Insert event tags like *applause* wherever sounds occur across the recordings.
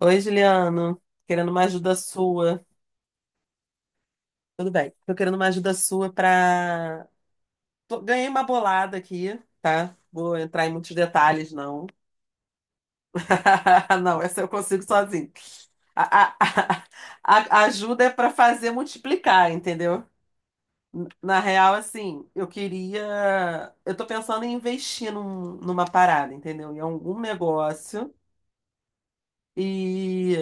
Oi, Juliano. Querendo uma ajuda sua. Tudo bem. Tô querendo uma ajuda sua pra. Ganhei uma bolada aqui, tá? Vou entrar em muitos detalhes, não. *laughs* Não, essa eu consigo sozinho. A, a- a ajuda é pra fazer multiplicar, entendeu? Na real, assim, eu queria. Eu tô pensando em investir numa parada, entendeu? Em algum negócio. E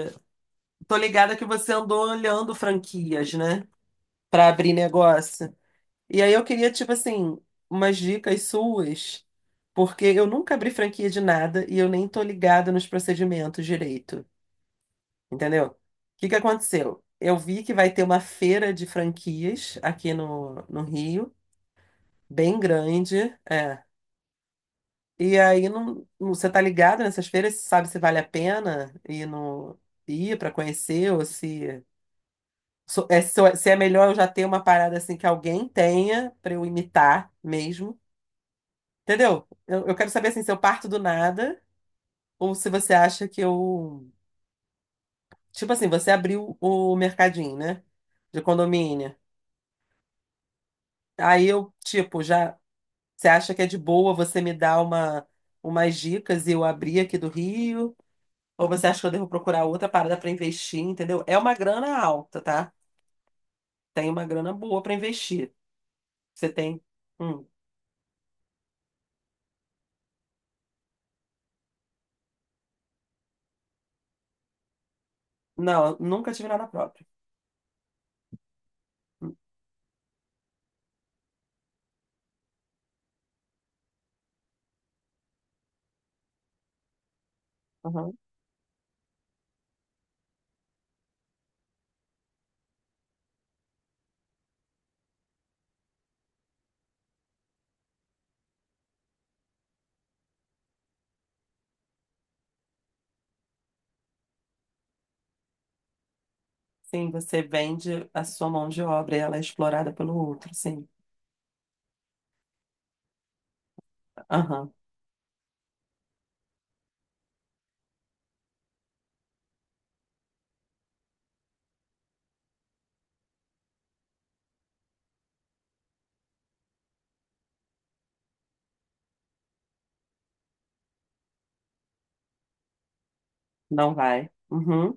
tô ligada que você andou olhando franquias, né? Pra abrir negócio. E aí eu queria, tipo assim, umas dicas suas, porque eu nunca abri franquia de nada e eu nem tô ligada nos procedimentos direito, entendeu? O que que aconteceu? Eu vi que vai ter uma feira de franquias aqui no Rio, bem grande, é. E aí não, você tá ligado nessas feiras, você sabe se vale a pena ir para conhecer ou se se é melhor eu já ter uma parada assim que alguém tenha para eu imitar mesmo. Entendeu? Eu quero saber assim, se eu parto do nada ou se você acha que eu. Tipo assim, você abriu o mercadinho, né? De condomínio. Aí eu, tipo, já. Você acha que é de boa você me dar umas dicas e eu abrir aqui do Rio? Ou você acha que eu devo procurar outra parada pra investir, entendeu? É uma grana alta, tá? Tem uma grana boa pra investir. Você tem. Hum. Não, eu nunca tive nada próprio. Uhum. Sim, você vende a sua mão de obra e ela é explorada pelo outro, sim. Aham, não vai. Uhum,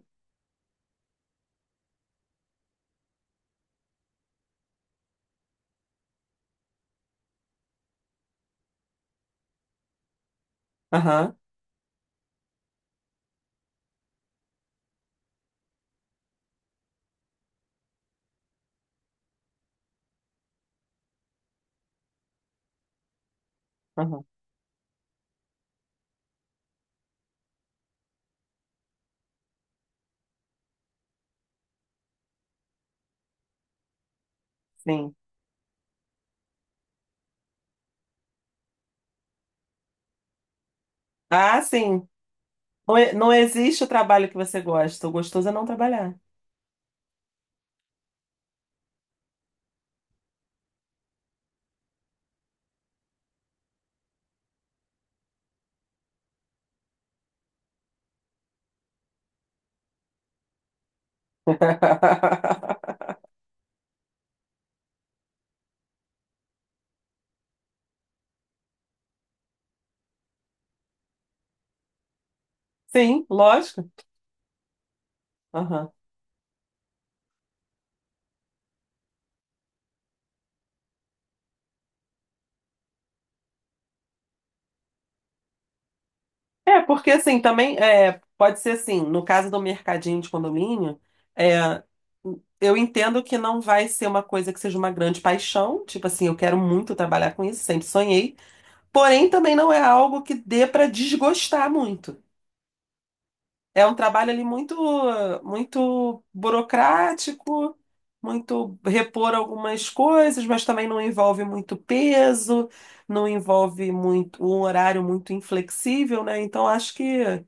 aham, aham, sim. Ah, sim. Não, não existe o trabalho que você gosta. O gostoso é não trabalhar. *laughs* Sim, lógico. Aham. É, porque assim, também é, pode ser assim, no caso do mercadinho de condomínio, é, eu entendo que não vai ser uma coisa que seja uma grande paixão. Tipo assim, eu quero muito trabalhar com isso, sempre sonhei. Porém, também não é algo que dê para desgostar muito. É um trabalho ali muito, muito burocrático, muito repor algumas coisas, mas também não envolve muito peso, não envolve muito um horário muito inflexível, né? Então acho que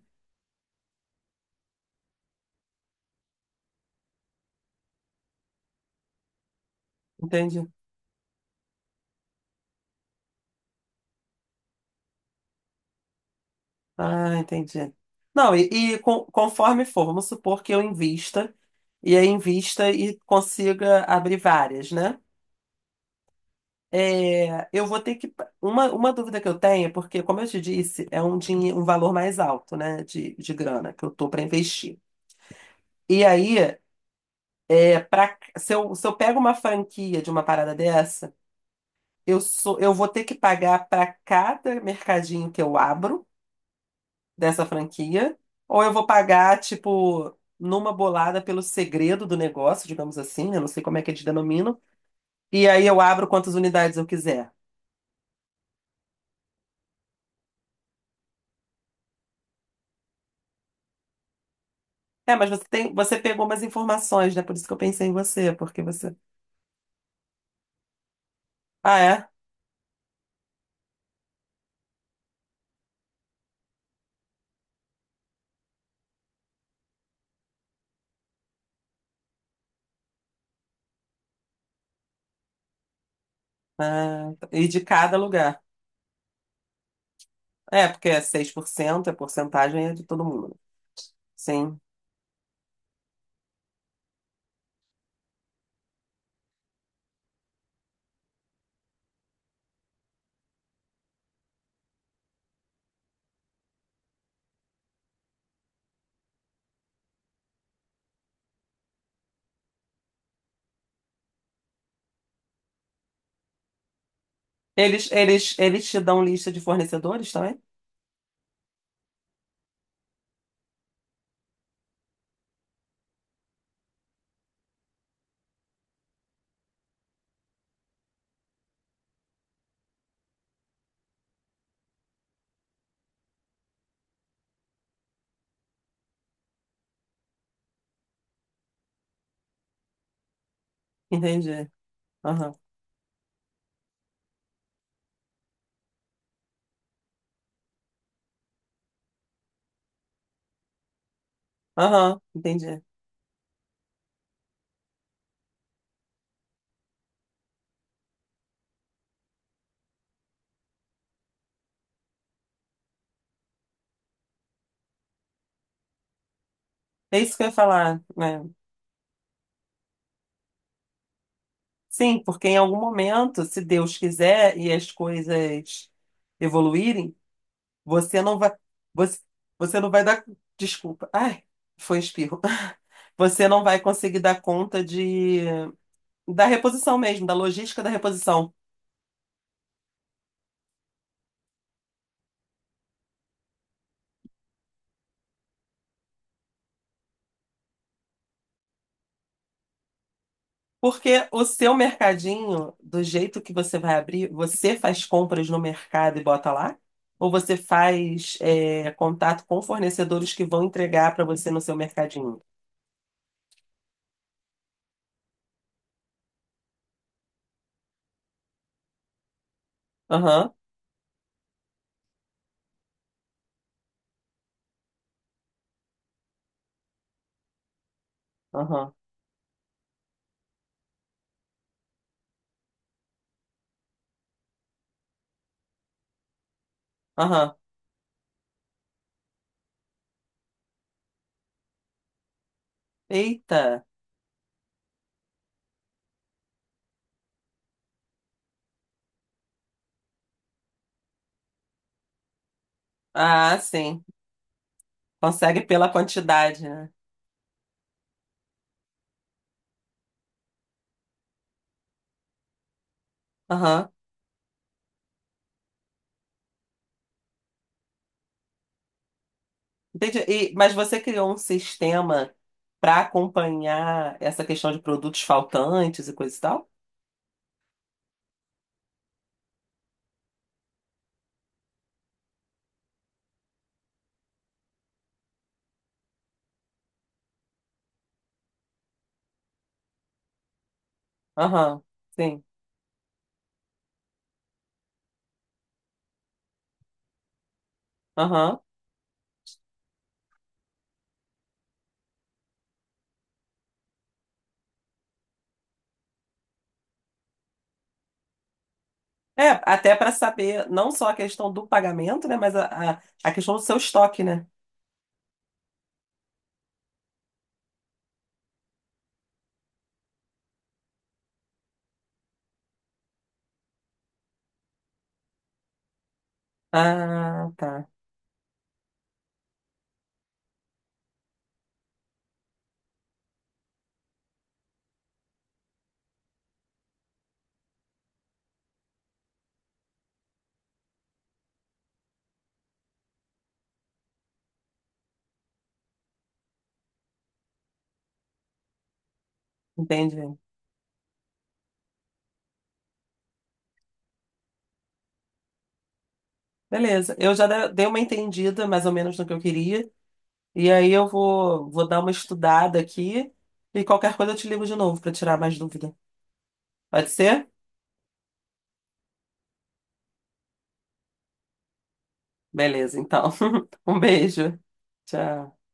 entendi. Ah, entendi. Não, conforme for, vamos supor que eu invista e aí invista e consiga abrir várias, né? É, eu vou ter que. Uma dúvida que eu tenho, é porque, como eu te disse, é um valor mais alto, né, de grana que eu tô para investir. E aí, é pra, se eu pego uma franquia de uma parada dessa, eu vou ter que pagar para cada mercadinho que eu abro dessa franquia, ou eu vou pagar, tipo, numa bolada pelo segredo do negócio, digamos assim, eu não sei como é que eles denominam, e aí eu abro quantas unidades eu quiser. É, mas você tem, você pegou umas informações, né? Por isso que eu pensei em você, porque você. Ah, é? Ah, tá. E de cada lugar. É, porque é 6% é porcentagem é de todo mundo. Né? Sim. Eles te dão lista de fornecedores também? Entendi. Aham. Aham, entendi. É isso que eu ia falar, né? Sim, porque em algum momento, se Deus quiser e as coisas evoluírem, você não vai. Você, você não vai dar. Desculpa. Ai, foi um espirro. *laughs* Você não vai conseguir dar conta de da reposição mesmo, da logística da reposição. Porque o seu mercadinho, do jeito que você vai abrir, você faz compras no mercado e bota lá? Ou você faz contato com fornecedores que vão entregar para você no seu mercadinho? Aham, aham, aham. Eita! Ah, sim. Consegue pela quantidade, né? Aham. Entendi. Mas você criou um sistema para acompanhar essa questão de produtos faltantes e coisa e tal? Aham, sim. Aham. É, até para saber não só a questão do pagamento, né, mas a questão do seu estoque, né? Ah, tá. Entendi. Beleza. Eu já dei uma entendida mais ou menos no que eu queria. E aí eu vou dar uma estudada aqui e qualquer coisa eu te ligo de novo para tirar mais dúvida. Pode ser? Beleza, então. *laughs* Um beijo. Tchau.